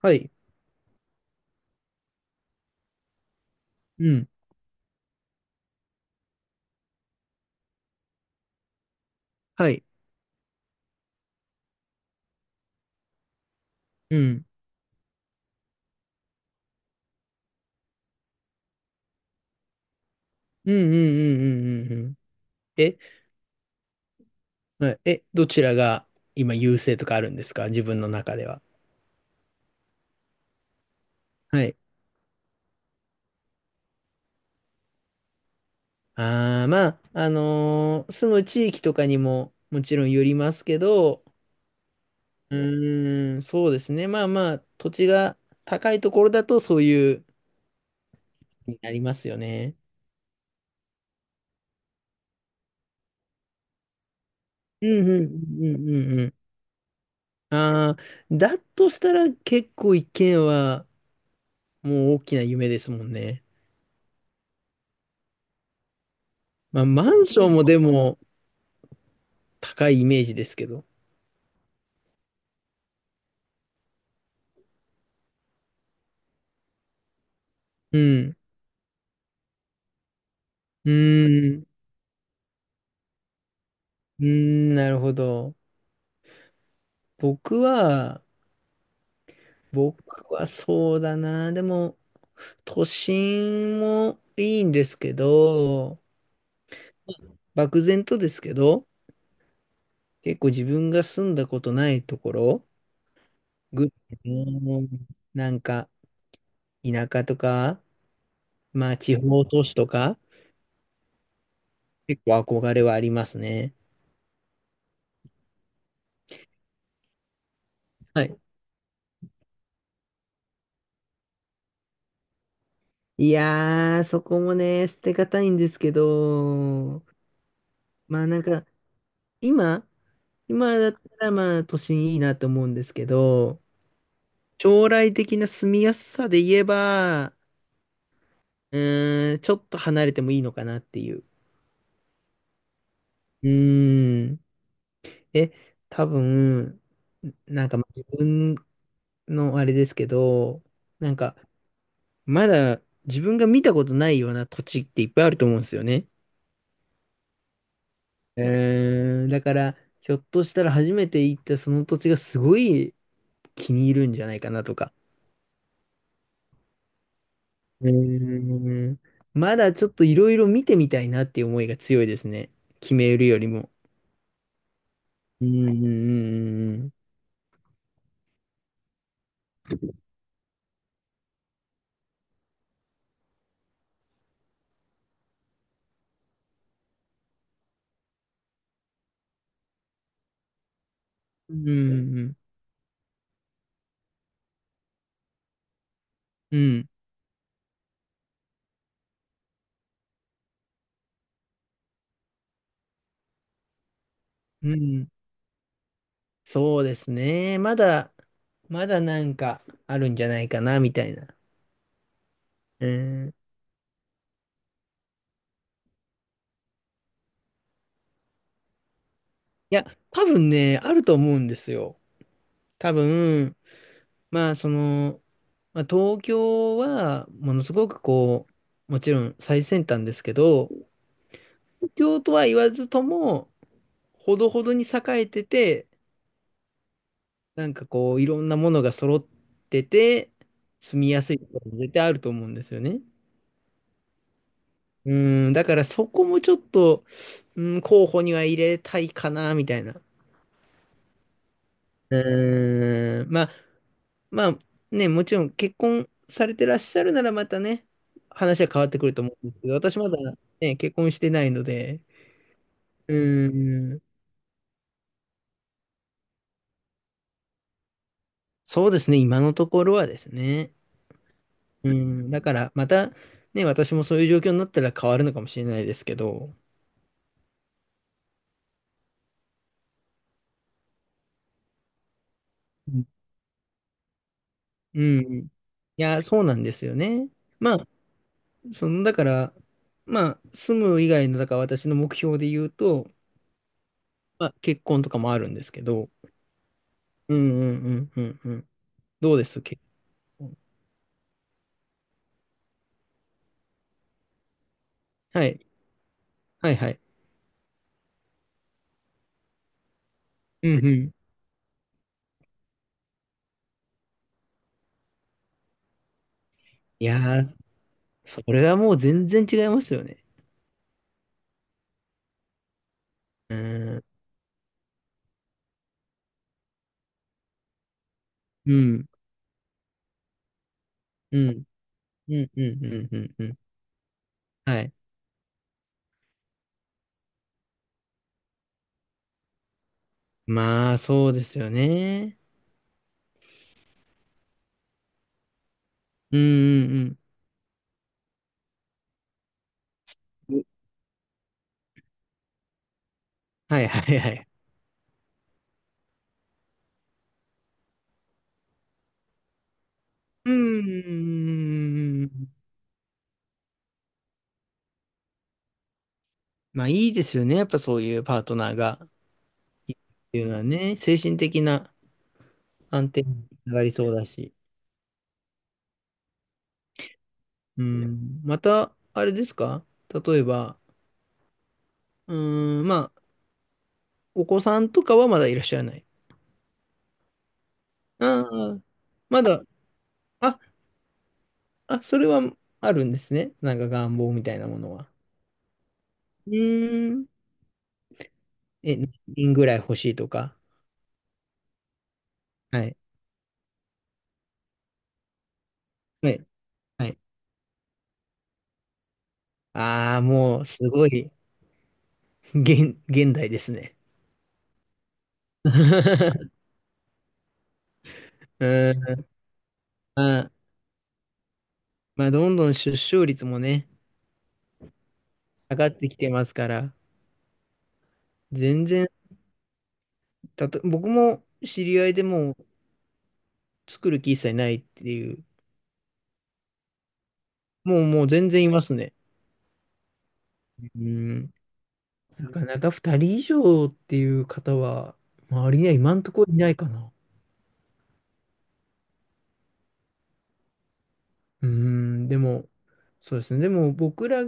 はい。うん。はい。うん。うんうんうんうんうんうん。え、はいどちらが今優勢とかあるんですか、自分の中では。はい。ああ、まあ、住む地域とかにももちろんよりますけど、うーん、そうですね。まあまあ、土地が高いところだとそういう、になりますよね。うんうんうんうんうんうん。ああ、だとしたら結構一軒はもう大きな夢ですもんね。まあ、マンションもでも、高いイメージですけど。うん。うーん。うーん、なるほど。僕は、僕はそうだな。でも、都心もいいんですけど、漠然とですけど、結構自分が住んだことないところ、ぐ、なんか、田舎とか、まあ、地方都市とか、結構憧れはありますね。はい。いやー、そこもね、捨てがたいんですけど、まあなんか、今、今だったらまあ都心いいなと思うんですけど、将来的な住みやすさで言えば、うーん、ちょっと離れてもいいのかなっていう。うーん。え、多分、なんかまあ自分のあれですけど、なんかまだ自分が見たことないような土地っていっぱいあると思うんですよね。うーん、だからひょっとしたら初めて行ったその土地がすごい気に入るんじゃないかな、とか。うーん。まだちょっといろいろ見てみたいなっていう思いが強いですね。決めるよりも。うん、うん、うん、うん。うん、うん、うん。うん、そうですね。まだなんかあるんじゃないかな、みたいな。うん。いや、多分ね、あると思うんですよ。多分、まあ、その、まあ、東京は、ものすごくこう、もちろん最先端ですけど、東京とは言わずとも、ほどほどに栄えてて、なんかこう、いろんなものが揃ってて、住みやすいところも絶対あると思うんですよね。うん、だからそこもちょっと、うん、候補には入れたいかな、みたいな。うん、まあ、まあね、もちろん結婚されてらっしゃるならまたね、話は変わってくると思うんですけど、私まだね、結婚してないので、うん、そうですね、今のところはですね。うん、だからまたね、私もそういう状況になったら変わるのかもしれないですけど、うんうん。いや、そうなんですよね。まあ、その、だから、まあ、住む以外の、だから私の目標で言うと、まあ、結婚とかもあるんですけど、うんうんうんうんうん。どうです、結婚？はい。はいはい。うんうん。いやー、それはもう全然違いますよね。うん。うん。うん。うんうんうんうんうん。はい。まあ、そうですよね。うんうんうん。はいはいはい。うーん。まあいいですよね。やっぱそういうパートナーがいるっていうのはね、精神的な安定につながりそうだし。うん。また、あれですか、例えば、うーん、まあ、お子さんとかはまだいらっしゃらない。ああ、まだ、あ、あ、それはあるんですね。なんか願望みたいなものは。うーん。え、何人ぐらい欲しいとか。はい。はい。はい。ああ、もう、すごい。現代ですね。うん、まあ、まあ、どんどん出生率もね、下がってきてますから、全然、僕も知り合いでもう作る気一切ないっていう、もう全然いますね。うん、なかなか2人以上っていう方は、周りには今んとこいないかな。うん、でも、そうですね。でも僕ら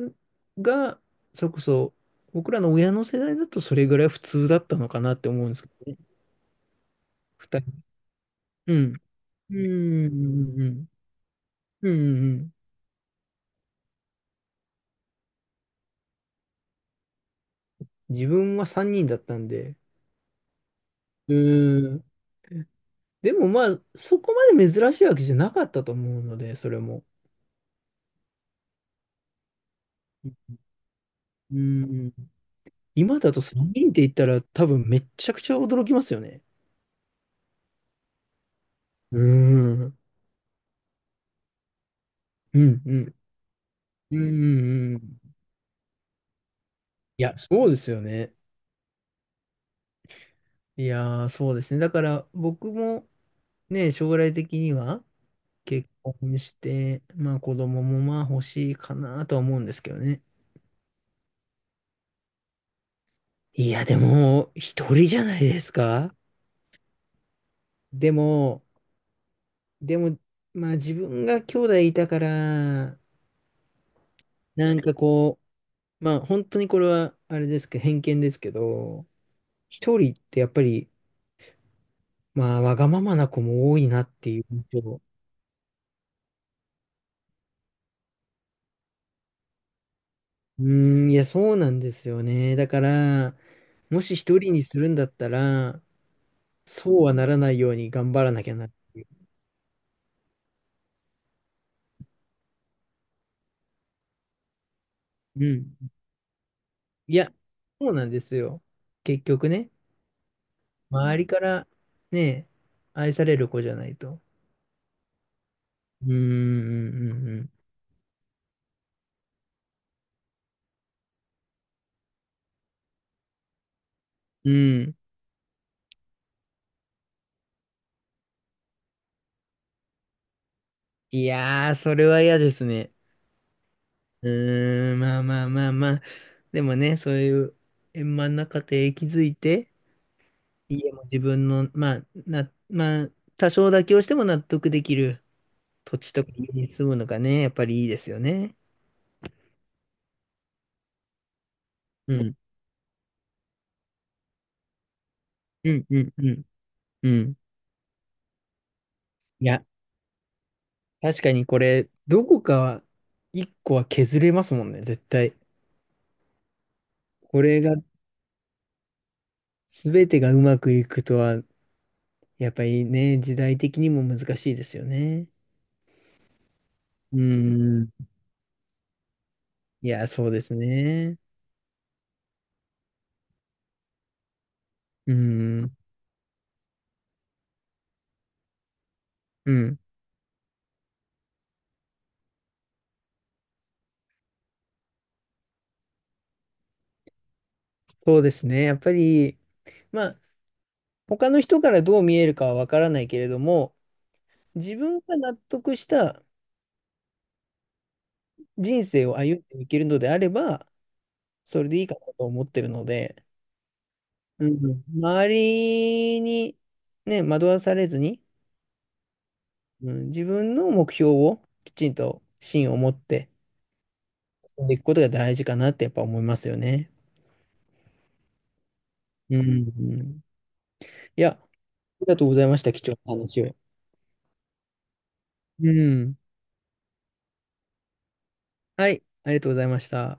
が、それこそ、僕らの親の世代だとそれぐらい普通だったのかなって思うんですけどね。2人。うん。うん、うん、うん、うん。うん、自分は3人だったんで。うん。でもまあ、そこまで珍しいわけじゃなかったと思うので、それも。うん。今だと3人って言ったら多分めっちゃくちゃ驚きますよね。うん。うん、うん。うん、うんうん。いや、そうですよね。いやー、そうですね。だから僕もね、将来的には結婚して、まあ子供もまあ欲しいかなとは思うんですけどね。いや、でも、一人じゃないですか？でも、でも、まあ自分が兄弟いたから、なんかこう、まあ本当にこれは、あれですけど、偏見ですけど、一人ってやっぱり、まあわがままな子も多いなっていう印象。うーん、いや、そうなんですよね。だから、もし一人にするんだったら、そうはならないように頑張らなきゃなっていう。うん。いや、そうなんですよ。結局ね。周りからね、愛される子じゃないと。うーん、うん、うん。うん。いやー、それは嫌ですね。うーん、まあまあまあまあ。でもね、そういう円満な家庭築いて、家も自分の、まあ、まあ、多少妥協しても納得できる土地とか家に住むのがね、やっぱりいいですよね。うん、うん、うん、うん、うん。いや、確かにこれ、どこかは、一個は削れますもんね、絶対。これがすべてがうまくいくとは、やっぱりね、時代的にも難しいですよね。うん。いや、そうですね。うん。うん。そうですね。やっぱり、まあ、他の人からどう見えるかはわからないけれども、自分が納得した人生を歩んでいけるのであれば、それでいいかなと思ってるので、うん、周りに、ね、惑わされずに、うん、自分の目標をきちんと芯を持ってんでいくことが大事かなってやっぱ思いますよね。うん、うん。いや、ありがとうございました。貴重な話を。うん。はい、ありがとうございました。